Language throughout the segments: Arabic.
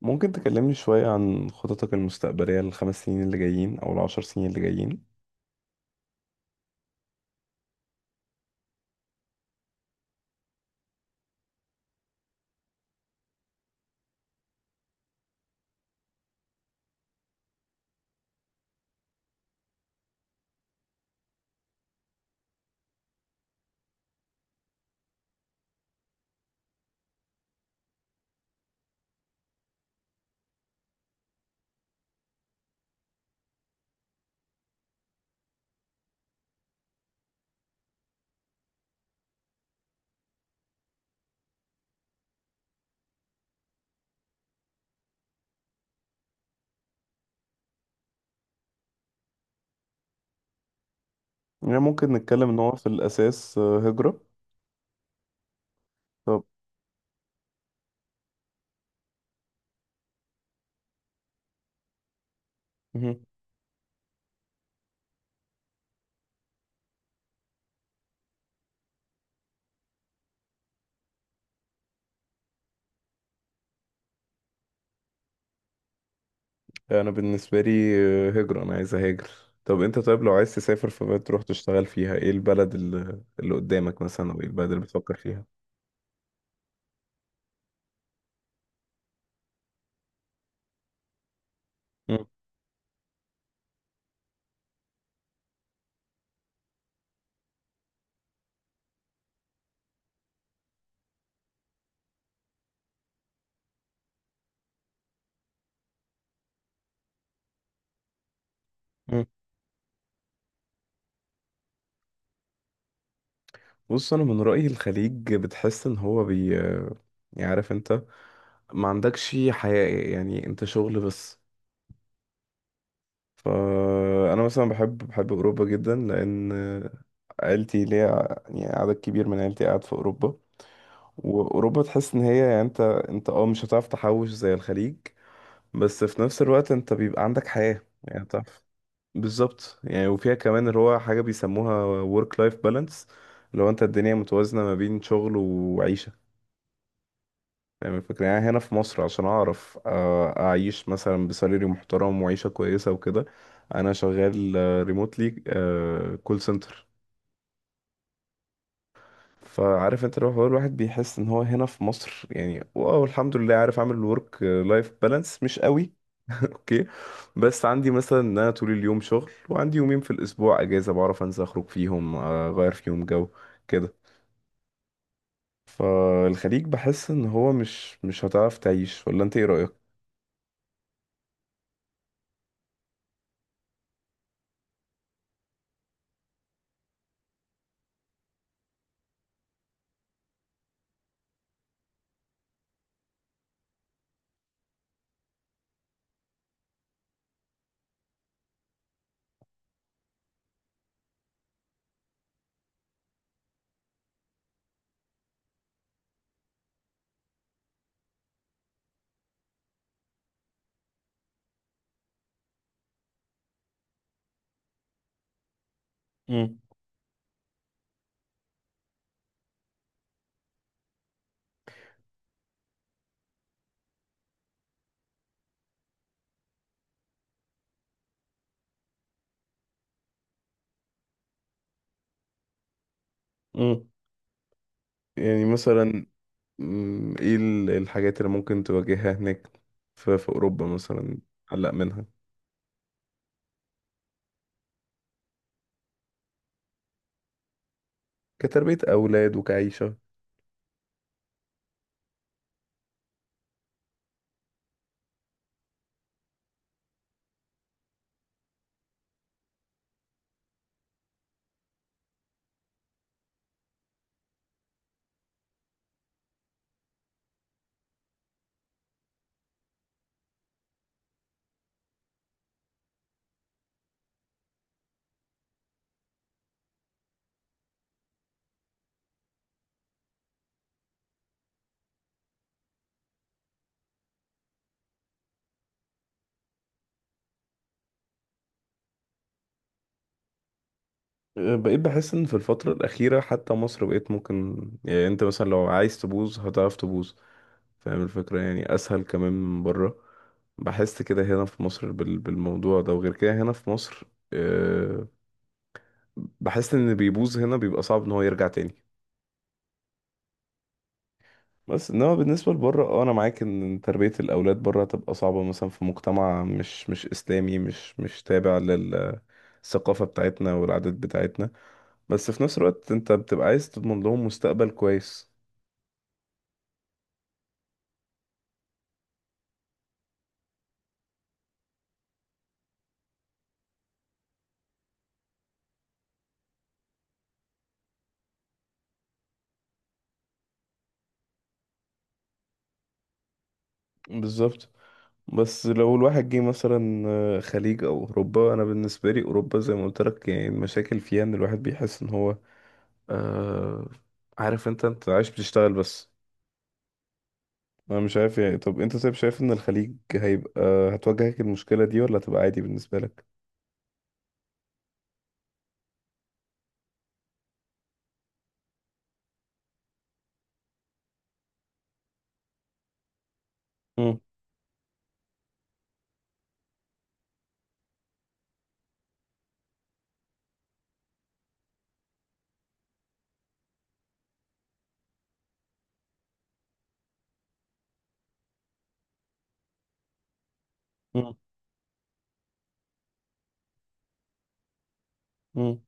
ممكن تكلمني شوية عن خططك المستقبلية للخمس سنين اللي جايين أو العشر سنين اللي جايين؟ يعني ممكن نتكلم إن هو في الأساس هجرة. طب مهم. أنا بالنسبة لي هجرة، أنا عايز أهاجر. طب أنت طيب، لو عايز تسافر فبقى تروح تشتغل فيها، إيه البلد اللي قدامك مثلا؟ أو إيه البلد اللي بتفكر فيها؟ مم. مم. بص، أنا من رأيي الخليج بتحس إن هو بي يعني عارف أنت، ما عندكش حياة، يعني أنت شغل بس. فأنا مثلا بحب أوروبا جدا، لأن عيلتي ليا يعني عدد كبير من عيلتي قاعد في أوروبا. وأوروبا تحس إن هي يعني أنت، أنت مش هتعرف تحوش زي الخليج. بس في نفس الوقت أنت بيبقى عندك حياة، يعني تعرف. بالظبط، يعني وفيها كمان اللي هو حاجة بيسموها work life balance، اللي هو أنت الدنيا متوازنة ما بين شغل وعيشة. فاهم الفكرة؟ يعني هنا في مصر، عشان أعرف أعيش مثلا بسالري محترم وعيشة كويسة وكده، أنا شغال ريموتلي، كول سنتر. فعارف انت، لو هو الواحد بيحس ان هو هنا في مصر، يعني واو الحمد لله عارف اعمل ورك لايف بالانس، مش قوي. اوكي، بس عندي مثلا ان انا طول اليوم شغل، وعندي يومين في الاسبوع اجازة بعرف انزل اخرج فيهم، اغير فيهم جو كده. فالخليج بحس ان هو مش هتعرف تعيش. ولا انت ايه رأيك؟ امم. يعني مثلا، ايه الحاجات اللي ممكن تواجهها هناك؟ في اوروبا مثلا، قلق منها. كتربية اولاد وكعيشة. بقيت بحس ان في الفترة الاخيرة حتى مصر بقيت ممكن، يعني انت مثلا لو عايز تبوظ هتعرف تبوظ. فاهم الفكرة؟ يعني اسهل كمان من بره. بحس كده هنا في مصر بالموضوع ده. وغير كده هنا في مصر، أه، بحس ان اللي بيبوظ هنا بيبقى صعب ان هو يرجع تاني. بس انما بالنسبه لبره، اه انا معاك ان تربيه الاولاد بره هتبقى صعبه، مثلا في مجتمع مش اسلامي، مش تابع للثقافه بتاعتنا والعادات بتاعتنا. بس في نفس الوقت انت بتبقى عايز تضمن لهم مستقبل كويس. بالظبط. بس لو الواحد جه مثلا خليج او اوروبا، انا بالنسبه لي اوروبا زي ما قلت لك، يعني المشاكل فيها ان الواحد بيحس ان هو آه عارف انت عايش بتشتغل بس. انا مش عارف يعني، طب انت طيب شايف ان الخليج هيبقى هتواجهك المشكلة دي، ولا هتبقى عادي بالنسبة لك؟ مم. مم. مم.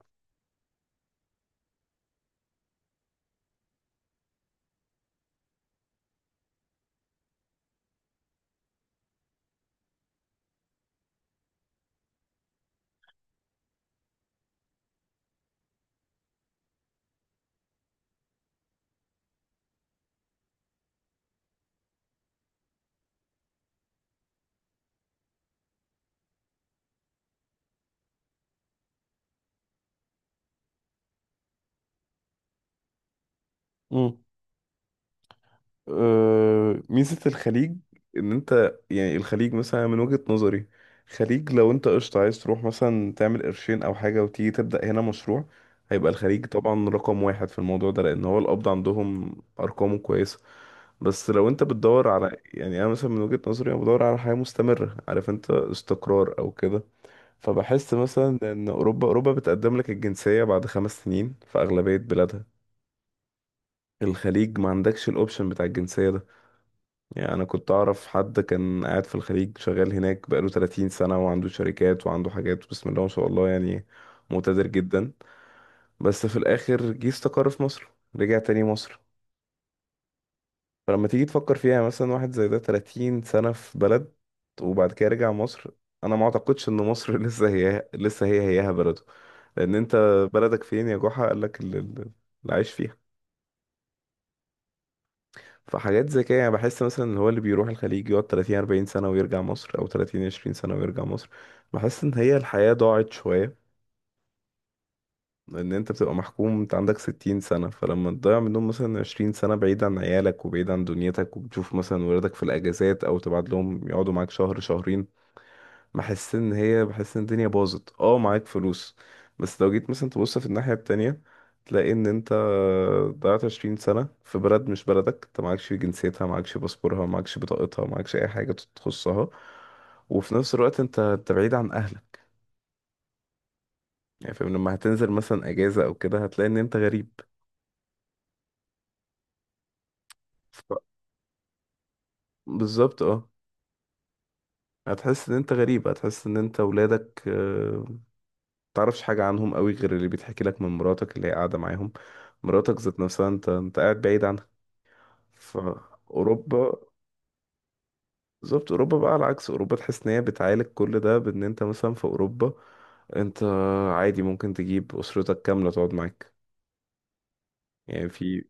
مم. أه، ميزة الخليج ان انت، يعني الخليج مثلا من وجهة نظري، خليج لو انت قشطة عايز تروح مثلا تعمل قرشين او حاجة وتيجي تبدأ هنا مشروع، هيبقى الخليج طبعا رقم واحد في الموضوع ده، لان هو القبض عندهم ارقامه كويسة. بس لو انت بتدور على، يعني انا مثلا من وجهة نظري، انا بدور على حياة مستمرة، عارف انت، استقرار او كده. فبحس مثلا ان اوروبا بتقدم لك الجنسيه بعد خمس سنين في اغلبيه بلادها. الخليج ما عندكش الاوبشن بتاع الجنسيه ده. يعني انا كنت اعرف حد كان قاعد في الخليج شغال هناك بقاله 30 سنه، وعنده شركات وعنده حاجات بسم الله ما شاء الله، يعني مقتدر جدا. بس في الاخر جه استقر في مصر. رجع تاني مصر. فلما تيجي تفكر فيها، مثلا واحد زي ده 30 سنة في بلد، وبعد كده رجع مصر. انا ما اعتقدش ان مصر لسه هي هيها بلده. لان انت بلدك فين يا جحا؟ قال لك اللي عايش فيها. فحاجات زي كده، يعني بحس مثلا اللي هو اللي بيروح الخليج يقعد 30 40 سنة ويرجع مصر، او 30 20 سنة ويرجع مصر، بحس ان هي الحياة ضاعت شوية. لان انت بتبقى محكوم، انت عندك ستين سنة، فلما تضيع منهم مثلا عشرين سنة بعيد عن عيالك وبعيد عن دنيتك، وبتشوف مثلا ولادك في الاجازات او تبعت لهم يقعدوا معاك شهر شهرين، بحس ان الدنيا باظت معاك فلوس. بس لو جيت مثلا تبص في الناحية التانية، تلاقي ان انت ضيعت عشرين سنة في بلد مش بلدك، انت معكش جنسيتها، معكش باسبورها، معكش بطاقتها، معكش اي حاجة تخصها. وفي نفس الوقت انت بعيد عن اهلك. يعني فاهم؟ لما هتنزل مثلا اجازة او كده، هتلاقي ان انت غريب. بالظبط اه. هتحس ان انت غريب. هتحس ان انت ولادك متعرفش حاجة عنهم قوي، غير اللي بيتحكي لك من مراتك اللي هي قاعدة معاهم. مراتك ذات نفسها انت قاعد بعيد عنها. فأوروبا، بالظبط، أوروبا بقى على العكس. أوروبا تحس ان هي بتعالج كل ده، بان انت مثلا في أوروبا انت عادي ممكن تجيب أسرتك كاملة تقعد معاك. يعني في،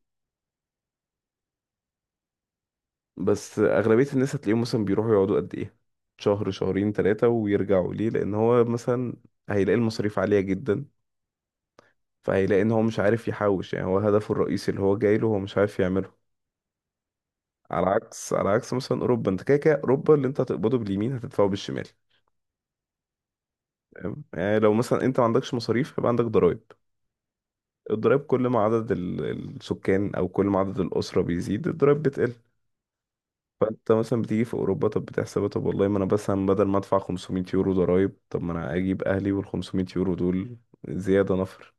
بس أغلبية الناس هتلاقيهم مثلا بيروحوا يقعدوا قد ايه، شهر شهرين ثلاثة ويرجعوا، ليه؟ لأن هو مثلا هيلاقي المصاريف عالية جدا، فهيلاقي ان هو مش عارف يحوش، يعني هو هدفه الرئيسي اللي هو جاي له هو مش عارف يعمله. على عكس مثلا اوروبا، انت كده كده اوروبا اللي انت هتقبضه باليمين هتدفعه بالشمال. تمام؟ يعني لو مثلا انت ما عندكش مصاريف، يبقى عندك ضرائب. الضرائب كل ما عدد السكان او كل ما عدد الاسره بيزيد، الضرائب بتقل. فانت مثلا بتيجي في اوروبا، طب بتحسبها، طب والله ما انا بس بدل ما ادفع 500 يورو ضرائب، طب ما انا اجيب اهلي وال 500 يورو دول زياده نفر.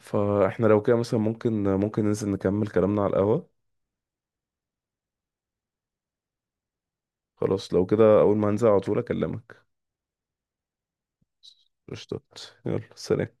فاحنا لو كده مثلا ممكن ننزل نكمل كلامنا على القهوه. خلاص لو كده، أول ما هنزل على طول أكلمك. قشطات. يلا سلام.